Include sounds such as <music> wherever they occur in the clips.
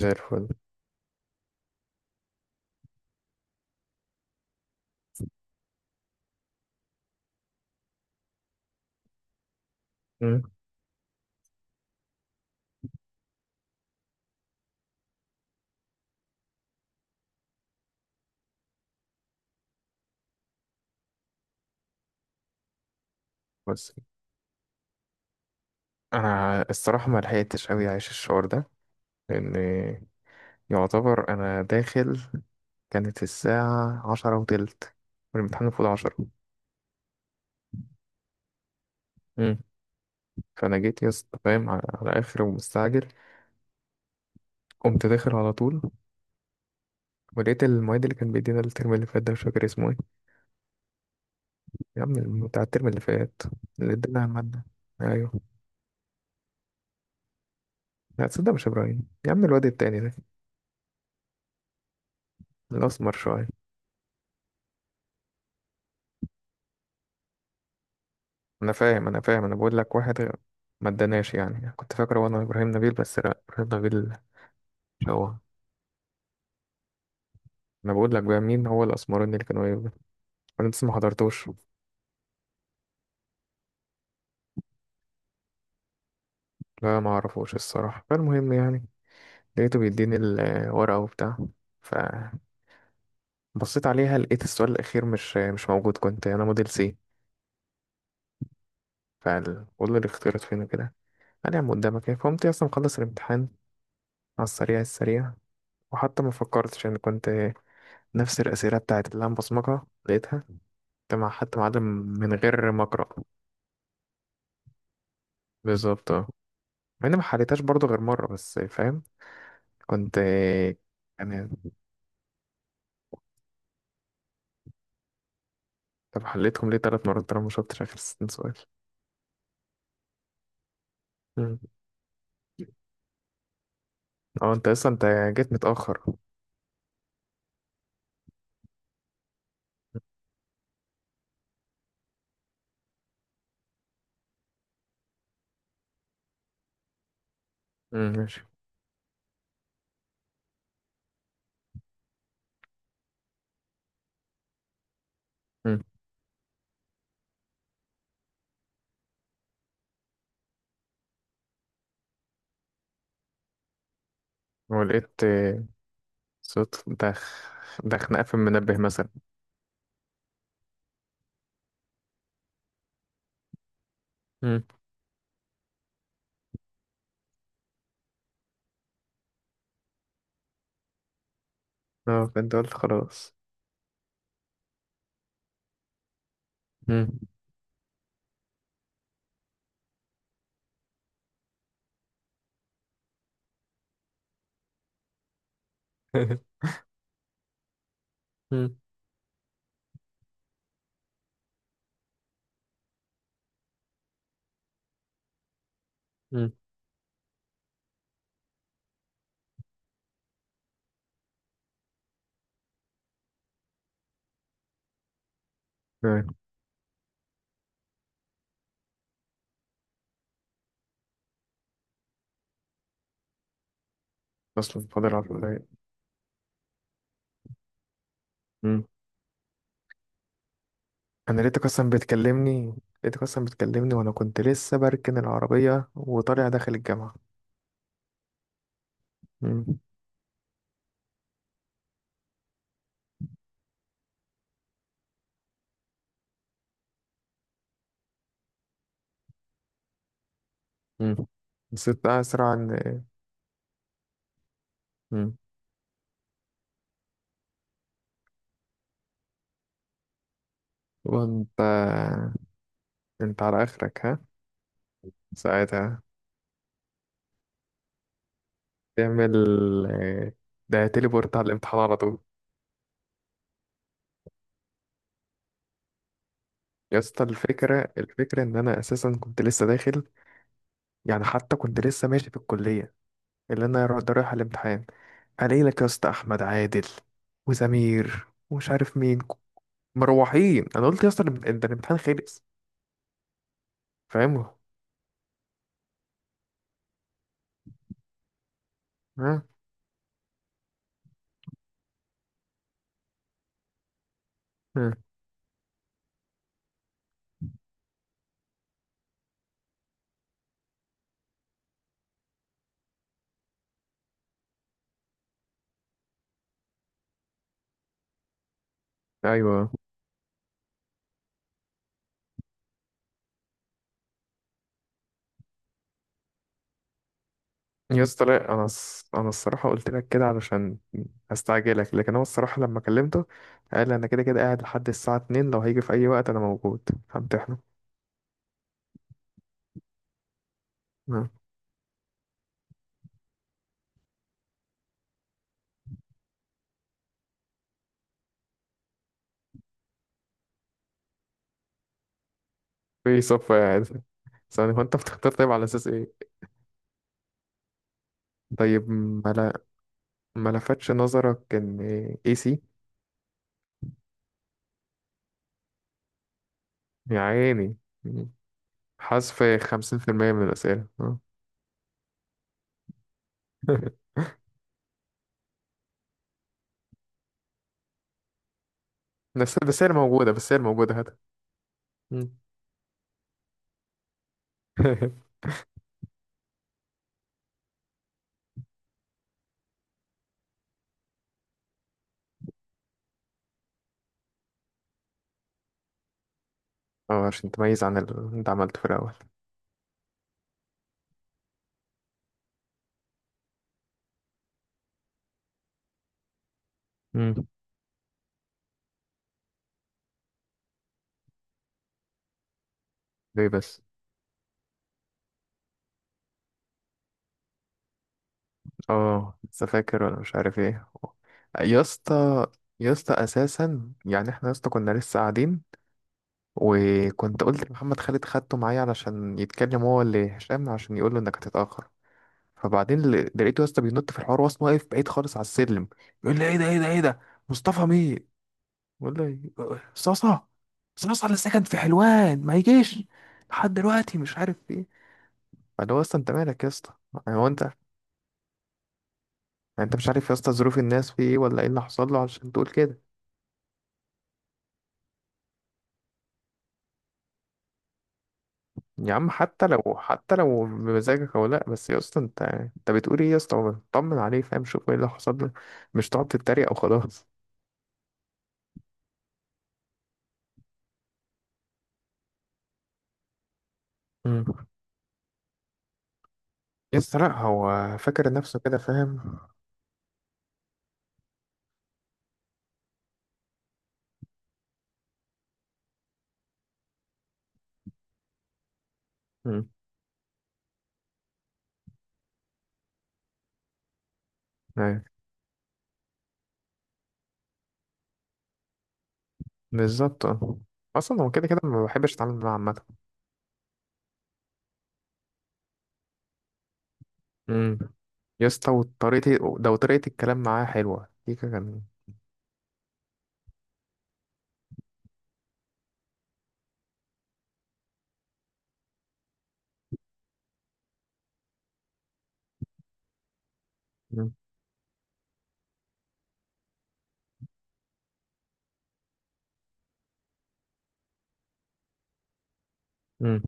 زي الفل. مم. بس انا الصراحه ما لحقتش قوي عايش الشعور ده لان يعتبر انا داخل. كانت الساعه 10:20 والامتحان المفروض 10. مم. فانا جيت يا اسطى فاهم على اخر ومستعجل. قمت داخل على طول ولقيت المعيد اللي كان بيدينا الترم اللي فات، ده مش فاكر اسمه ايه. يا عم بتاع الترم اللي فات اللي ادانا الماده. ايوه. لا تصدق مش ابراهيم، يا عم الواد التاني ده الاسمر شويه. انا فاهم، انا فاهم، انا بقول لك واحد ما اداناش، يعني كنت فاكره وانا ابراهيم نبيل، بس لا ابراهيم نبيل. مش هو. انا بقول لك بقى مين هو الاسمراني اللي كانوا يبقى. انا لسه ما حضرتوش. لا ما اعرفوش الصراحه، فالمهم يعني لقيته بيديني الورقه وبتاع، فبصيت عليها لقيت السؤال الاخير مش موجود، كنت انا موديل سي، فبقول له الاختيارات فين كده. قال يا عم قدامك ايه. فقمت اصلا مخلص الامتحان على السريع السريع. وحتى ما فكرتش، يعني كنت نفس الاسئله بتاعت اللي انا بصمجها لقيتها، حتى معادن من غير ما اقرا. بالظبط اه. مع اني ما حليتهاش برضو غير مره بس، فاهم. كنت. انا طب حليتهم ليه 3 مرات طالما ما شفتش اخر 60 سؤال؟ مم. اه انت اصلا انت جيت متاخر. مم، ماشي. مم. ولقيت صوت، ده خناقه في المنبه مثلا. مم. اه فانت قلت خلاص. مم. <laughs> مم. مم. تمام. اصلا فاضل 10 دقايق. انا لقيتك اصلا بتكلمني وانا كنت لسه بركن العربيه وطالع داخل الجامعه. مم. مم. نسيت اسرع ان. مم. وانت على اخرك ها. ساعتها تعمل. آه، ده تليبورت على الامتحان على طول. يا اسطى الفكره ان انا اساسا كنت لسه داخل، يعني حتى كنت لسه ماشي في الكليه، اللي انا رايح على الامتحان. الاقي لك يا اسطى احمد عادل وسمير ومش عارف مين، مروحين. انا قلت يا اسطى ده الامتحان خلص. فاهم. ها. ها. ايوه. يا اسطى لا، انا الصراحه قلت لك كده علشان استعجلك، لكن هو الصراحه لما كلمته قال انا كده كده قاعد لحد الساعه 2، لو هيجي في اي وقت انا موجود همتحنه. ها. في صف قاعد. ثواني، هو انت بتختار طيب على اساس ايه؟ طيب ما لفتش نظرك ان اي سي؟ يا عيني. حذف 50% من الاسئله ها. <laughs> بس هي موجوده، بس هي موجوده. هات. <laughs> اه عشان تميز عن اللي انت عملته في الاول. مم. ليه بس؟ اه لسه فاكر ولا مش عارف ايه. يا اسطى يا اسطى اساسا، يعني احنا يا اسطى كنا لسه قاعدين، وكنت قلت لمحمد خالد خدته معايا علشان يتكلم هو اللي هشام عشان يقول له انك هتتاخر، فبعدين لقيته يا اسطى بينط في الحوار، واصلا واقف بعيد خالص على السلم بيقول لي ايه ده ايه ده ايه ده. مصطفى مين؟ بقول له إيه؟ صاصا. صاصا اللي ساكن في حلوان ما يجيش لحد دلوقتي مش عارف ايه. فاللي هو اصلا انت مالك يا اسطى. يعني هو انت، يعني انت مش عارف يا اسطى ظروف الناس في ايه ولا ايه اللي حصل له عشان تقول كده. يا عم حتى لو حتى لو بمزاجك او لا، بس يا اسطى انت بتقول ايه يا اسطى، طمن عليه فاهم، شوف ايه اللي حصل له، مش تقعد تتريق او خلاص. امم. يا اسطى لا، هو فاكر نفسه كده، فاهم. امم. ايوه بالظبط اه. اصلا هو كده كده ما بحبش اتعامل معاه عامه. امم. يا اسطى وطريقتي ده وطريقة الكلام معاه حلوة دي كان. مم.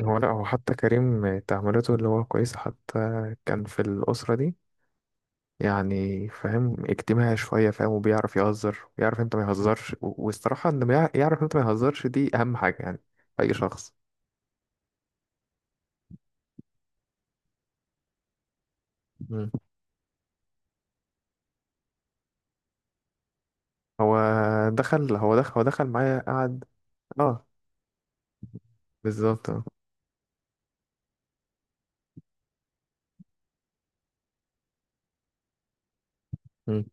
هو لا هو حتى كريم تعاملاته اللي هو كويسة، حتى كان في الأسرة دي، يعني فاهم اجتماعي شوية، فاهم، وبيعرف يهزر ويعرف امتى ما يهزرش والصراحة انه يعرف امتى ما يهزرش، دي أهم حاجة يعني في أي شخص. مم. هو هو دخل معايا قعد. اه بالظبط اه. مم.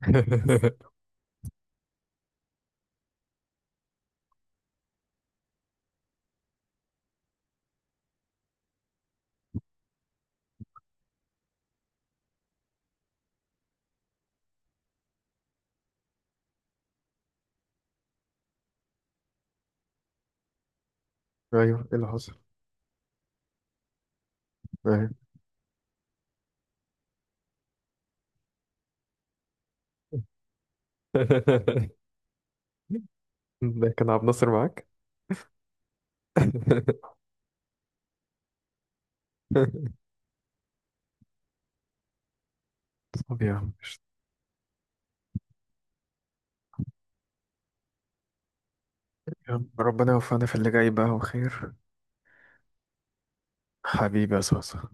<laughs> ايوه ايه اللي حصل؟ ايوه. <laughs> ده كان عبد الناصر معاك؟ <laughs> طب يا عم قشطة. يا عم ربنا يوفقنا في اللي جاي بقى وخير. حبيبي يا صوصة.